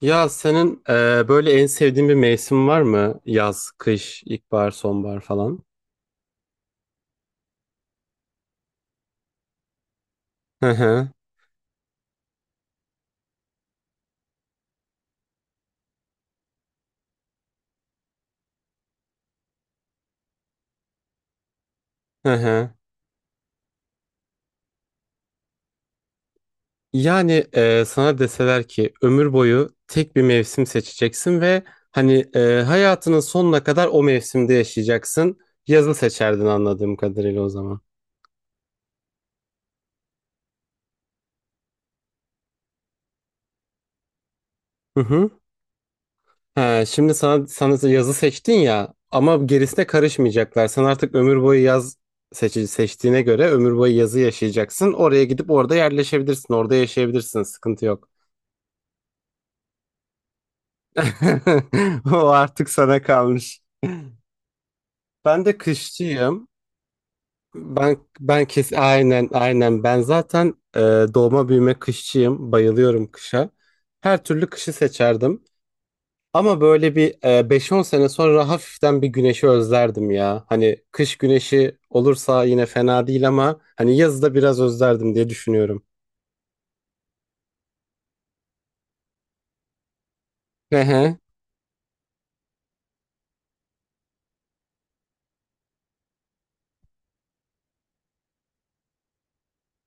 Ya senin böyle en sevdiğin bir mevsim var mı? Yaz, kış, ilkbahar, sonbahar falan. Hı hı, hı hı. Yani sana deseler ki ömür boyu tek bir mevsim seçeceksin ve hani hayatının sonuna kadar o mevsimde yaşayacaksın. Yazı seçerdin anladığım kadarıyla o zaman. Hı hı. He, şimdi sana yazı seçtin ya ama gerisine karışmayacaklar. Sen artık ömür boyu seçtiğine göre ömür boyu yazı yaşayacaksın. Oraya gidip orada yerleşebilirsin. Orada yaşayabilirsin. Sıkıntı yok. O artık sana kalmış. Ben de kışçıyım. Ben kes, aynen aynen, ben zaten doğma büyüme kışçıyım. Bayılıyorum kışa. Her türlü kışı seçerdim. Ama böyle bir 5-10 sene sonra hafiften bir güneşi özlerdim ya. Hani kış güneşi olursa yine fena değil ama hani yazı da biraz özlerdim diye düşünüyorum. Ehe.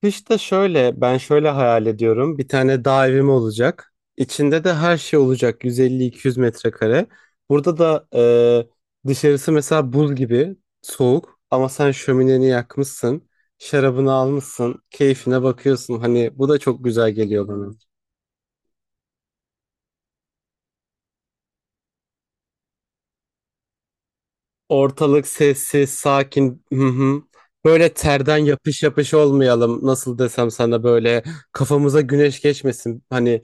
İşte şöyle ben şöyle hayal ediyorum. Bir tane dağ evim olacak. İçinde de her şey olacak, 150-200 metrekare. Burada da dışarısı mesela buz gibi soğuk ama sen şömineni yakmışsın. Şarabını almışsın, keyfine bakıyorsun. Hani bu da çok güzel geliyor. Ortalık sessiz, sakin. Hı hı. Böyle terden yapış yapış olmayalım. Nasıl desem sana, böyle kafamıza güneş geçmesin. Hani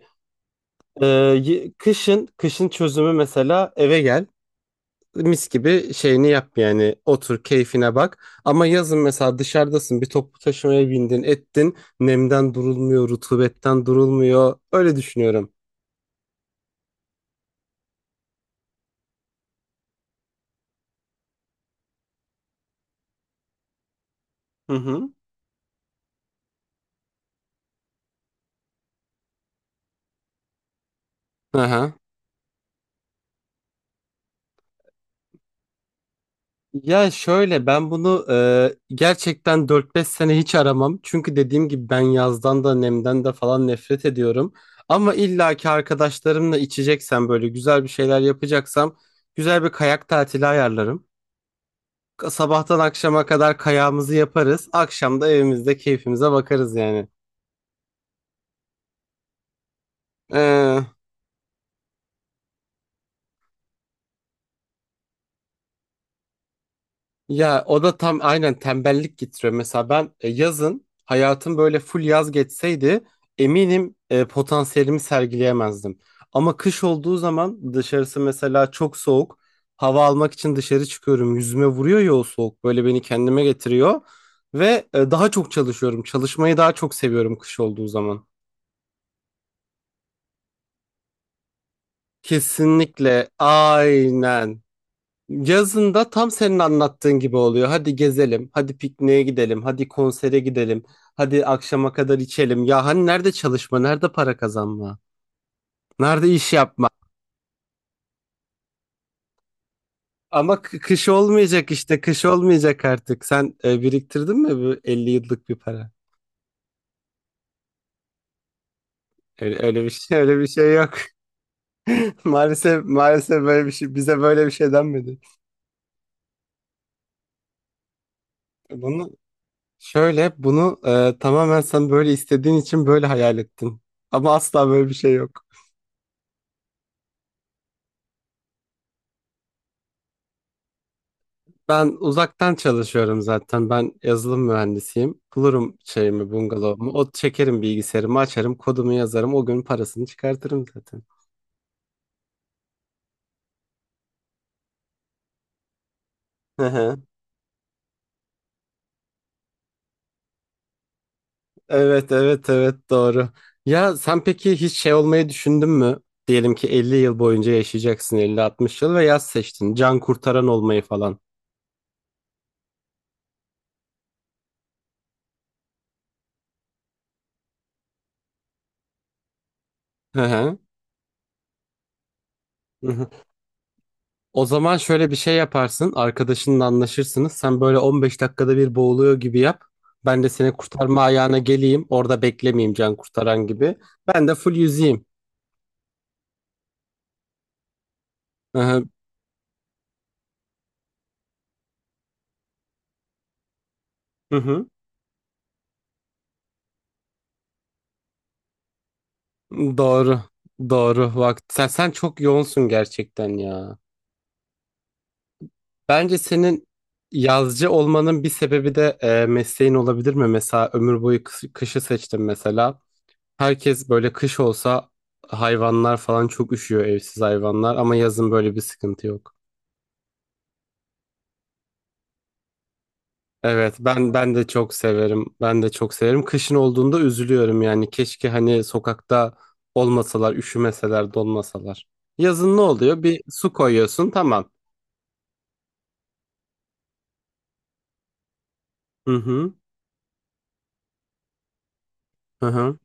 kışın kışın çözümü mesela eve gel. Mis gibi şeyini yap, yani otur keyfine bak. Ama yazın mesela dışarıdasın, bir toplu taşımaya bindin ettin. Nemden durulmuyor, rutubetten durulmuyor. Öyle düşünüyorum. Hı hı. Aha. Ya şöyle, ben bunu gerçekten dört beş sene hiç aramam. Çünkü dediğim gibi ben yazdan da nemden de falan nefret ediyorum. Ama illaki arkadaşlarımla içeceksem, böyle güzel bir şeyler yapacaksam, güzel bir kayak tatili ayarlarım. Sabahtan akşama kadar kayağımızı yaparız. Akşam da evimizde keyfimize bakarız yani. Ya o da tam aynen tembellik getiriyor. Mesela ben yazın hayatım böyle full yaz geçseydi, eminim potansiyelimi sergileyemezdim. Ama kış olduğu zaman dışarısı mesela çok soğuk. Hava almak için dışarı çıkıyorum. Yüzüme vuruyor ya o soğuk. Böyle beni kendime getiriyor. Ve daha çok çalışıyorum. Çalışmayı daha çok seviyorum kış olduğu zaman. Kesinlikle aynen. Yazında tam senin anlattığın gibi oluyor. Hadi gezelim, hadi pikniğe gidelim, hadi konsere gidelim, hadi akşama kadar içelim. Ya hani nerede çalışma, nerede para kazanma, nerede iş yapma? Ama kış olmayacak işte, kış olmayacak artık. Sen biriktirdin mi bu 50 yıllık bir para? Öyle, öyle bir şey, öyle bir şey yok. Maalesef, maalesef böyle bir şey, bize böyle bir şey denmedi. Bunu bunu tamamen sen böyle istediğin için böyle hayal ettin. Ama asla böyle bir şey yok. Ben uzaktan çalışıyorum zaten. Ben yazılım mühendisiyim. Bulurum şeyimi, bungalovumu. O çekerim bilgisayarımı, açarım, kodumu yazarım. O gün parasını çıkartırım zaten. Hı hı. Evet, evet, evet, doğru. Ya sen peki hiç şey olmayı düşündün mü? Diyelim ki 50 yıl boyunca yaşayacaksın, 50-60 yıl, ve yaz seçtin. Can kurtaran olmayı falan. Hı hı. Hı. O zaman şöyle bir şey yaparsın. Arkadaşınla anlaşırsınız. Sen böyle 15 dakikada bir boğuluyor gibi yap. Ben de seni kurtarma ayağına geleyim. Orada beklemeyeyim can kurtaran gibi. Ben de full yüzeyim. Hı hı. Hı hı. Doğru. Doğru. Bak sen çok yoğunsun gerçekten ya. Bence senin yazcı olmanın bir sebebi de mesleğin olabilir mi? Mesela ömür boyu kışı seçtim mesela. Herkes böyle kış olsa, hayvanlar falan çok üşüyor, evsiz hayvanlar, ama yazın böyle bir sıkıntı yok. Evet ben de çok severim. Ben de çok severim. Kışın olduğunda üzülüyorum yani. Keşke hani sokakta olmasalar, üşümeseler, donmasalar. Yazın ne oluyor? Bir su koyuyorsun, tamam. Hı hı. Hı hı.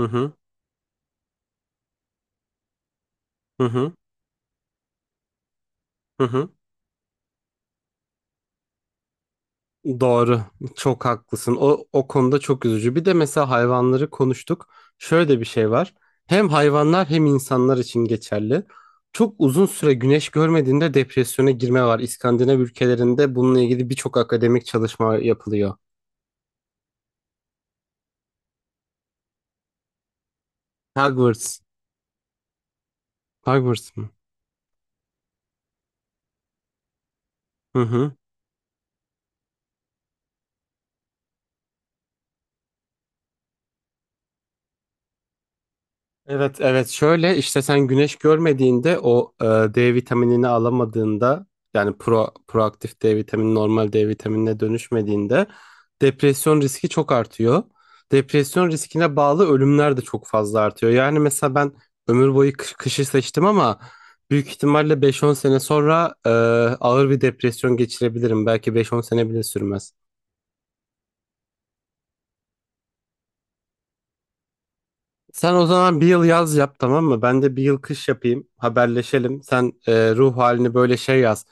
Hı hı. Hı hı. Hı hı. Doğru. Çok haklısın. O konuda çok üzücü. Bir de mesela hayvanları konuştuk. Şöyle bir şey var. Hem hayvanlar hem insanlar için geçerli. Çok uzun süre güneş görmediğinde depresyona girme var. İskandinav ülkelerinde bununla ilgili birçok akademik çalışma yapılıyor. Hogwarts. Hogwarts mı? Hı hı. Evet evet, şöyle işte, sen güneş görmediğinde o D vitaminini alamadığında, yani proaktif D vitamini normal D vitaminine dönüşmediğinde depresyon riski çok artıyor. Depresyon riskine bağlı ölümler de çok fazla artıyor. Yani mesela ben ömür boyu kışı seçtim ama büyük ihtimalle beş-on sene sonra ağır bir depresyon geçirebilirim. Belki beş-on sene bile sürmez. Sen o zaman bir yıl yaz yap, tamam mı? Ben de bir yıl kış yapayım. Haberleşelim. Sen ruh halini böyle şey yaz.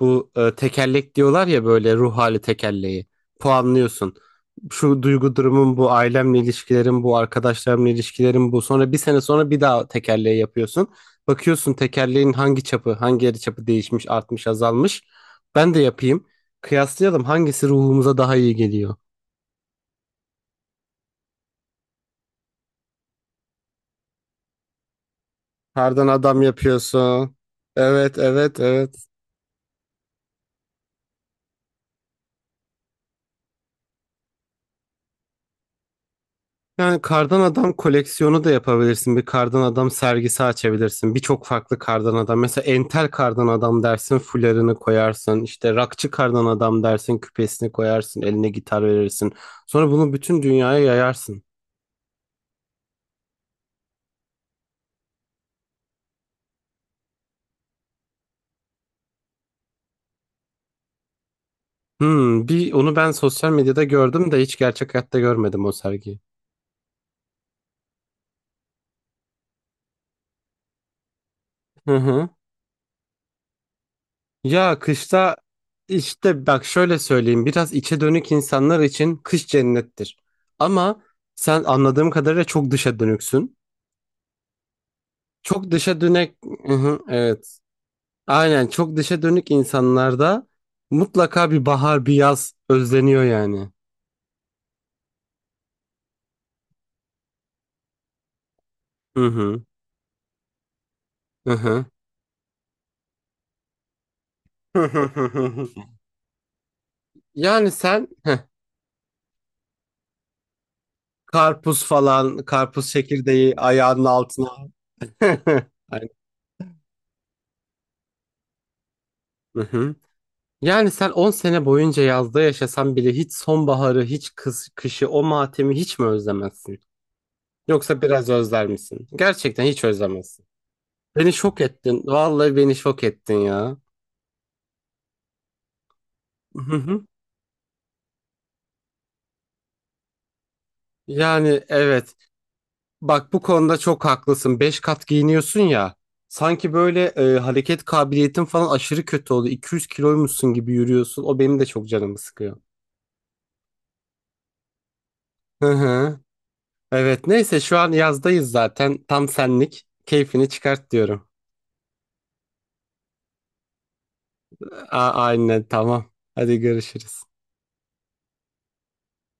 Bu tekerlek diyorlar ya, böyle ruh hali tekerleği. Puanlıyorsun. Şu duygu durumum bu, ailemle ilişkilerim bu, arkadaşlarımla ilişkilerim bu. Sonra bir sene sonra bir daha tekerleği yapıyorsun. Bakıyorsun tekerleğin hangi çapı, hangi yarı çapı değişmiş, artmış, azalmış. Ben de yapayım. Kıyaslayalım hangisi ruhumuza daha iyi geliyor. Kardan adam yapıyorsun. Evet, evet, evet. Yani kardan adam koleksiyonu da yapabilirsin. Bir kardan adam sergisi açabilirsin. Birçok farklı kardan adam. Mesela entel kardan adam dersin, fularını koyarsın. İşte rockçı kardan adam dersin, küpesini koyarsın, eline gitar verirsin. Sonra bunu bütün dünyaya yayarsın. Hmm, bir onu ben sosyal medyada gördüm de hiç gerçek hayatta görmedim o sergiyi. Hı hı. Ya kışta işte, bak şöyle söyleyeyim. Biraz içe dönük insanlar için kış cennettir. Ama sen anladığım kadarıyla çok dışa dönüksün. Çok dışa dönük. Hı hı, evet. Aynen, çok dışa dönük insanlarda mutlaka bir bahar, bir yaz özleniyor yani. Hı hı. Hı hı. Yani sen, karpuz falan, karpuz çekirdeği ayağının altına. Aynen. Hı hı. Yani sen 10 sene boyunca yazda yaşasan bile hiç sonbaharı, hiç kışı, o matemi hiç mi özlemezsin? Yoksa biraz özler misin? Gerçekten hiç özlemezsin. Beni şok ettin. Vallahi beni şok ettin ya. Hı hı. Yani evet. Bak bu konuda çok haklısın. Beş kat giyiniyorsun ya. Sanki böyle hareket kabiliyetin falan aşırı kötü oldu. 200 kiloymuşsun gibi yürüyorsun. O benim de çok canımı sıkıyor. Hı hı. Evet, neyse şu an yazdayız zaten. Tam senlik. Keyfini çıkart diyorum. Aynen tamam. Hadi görüşürüz.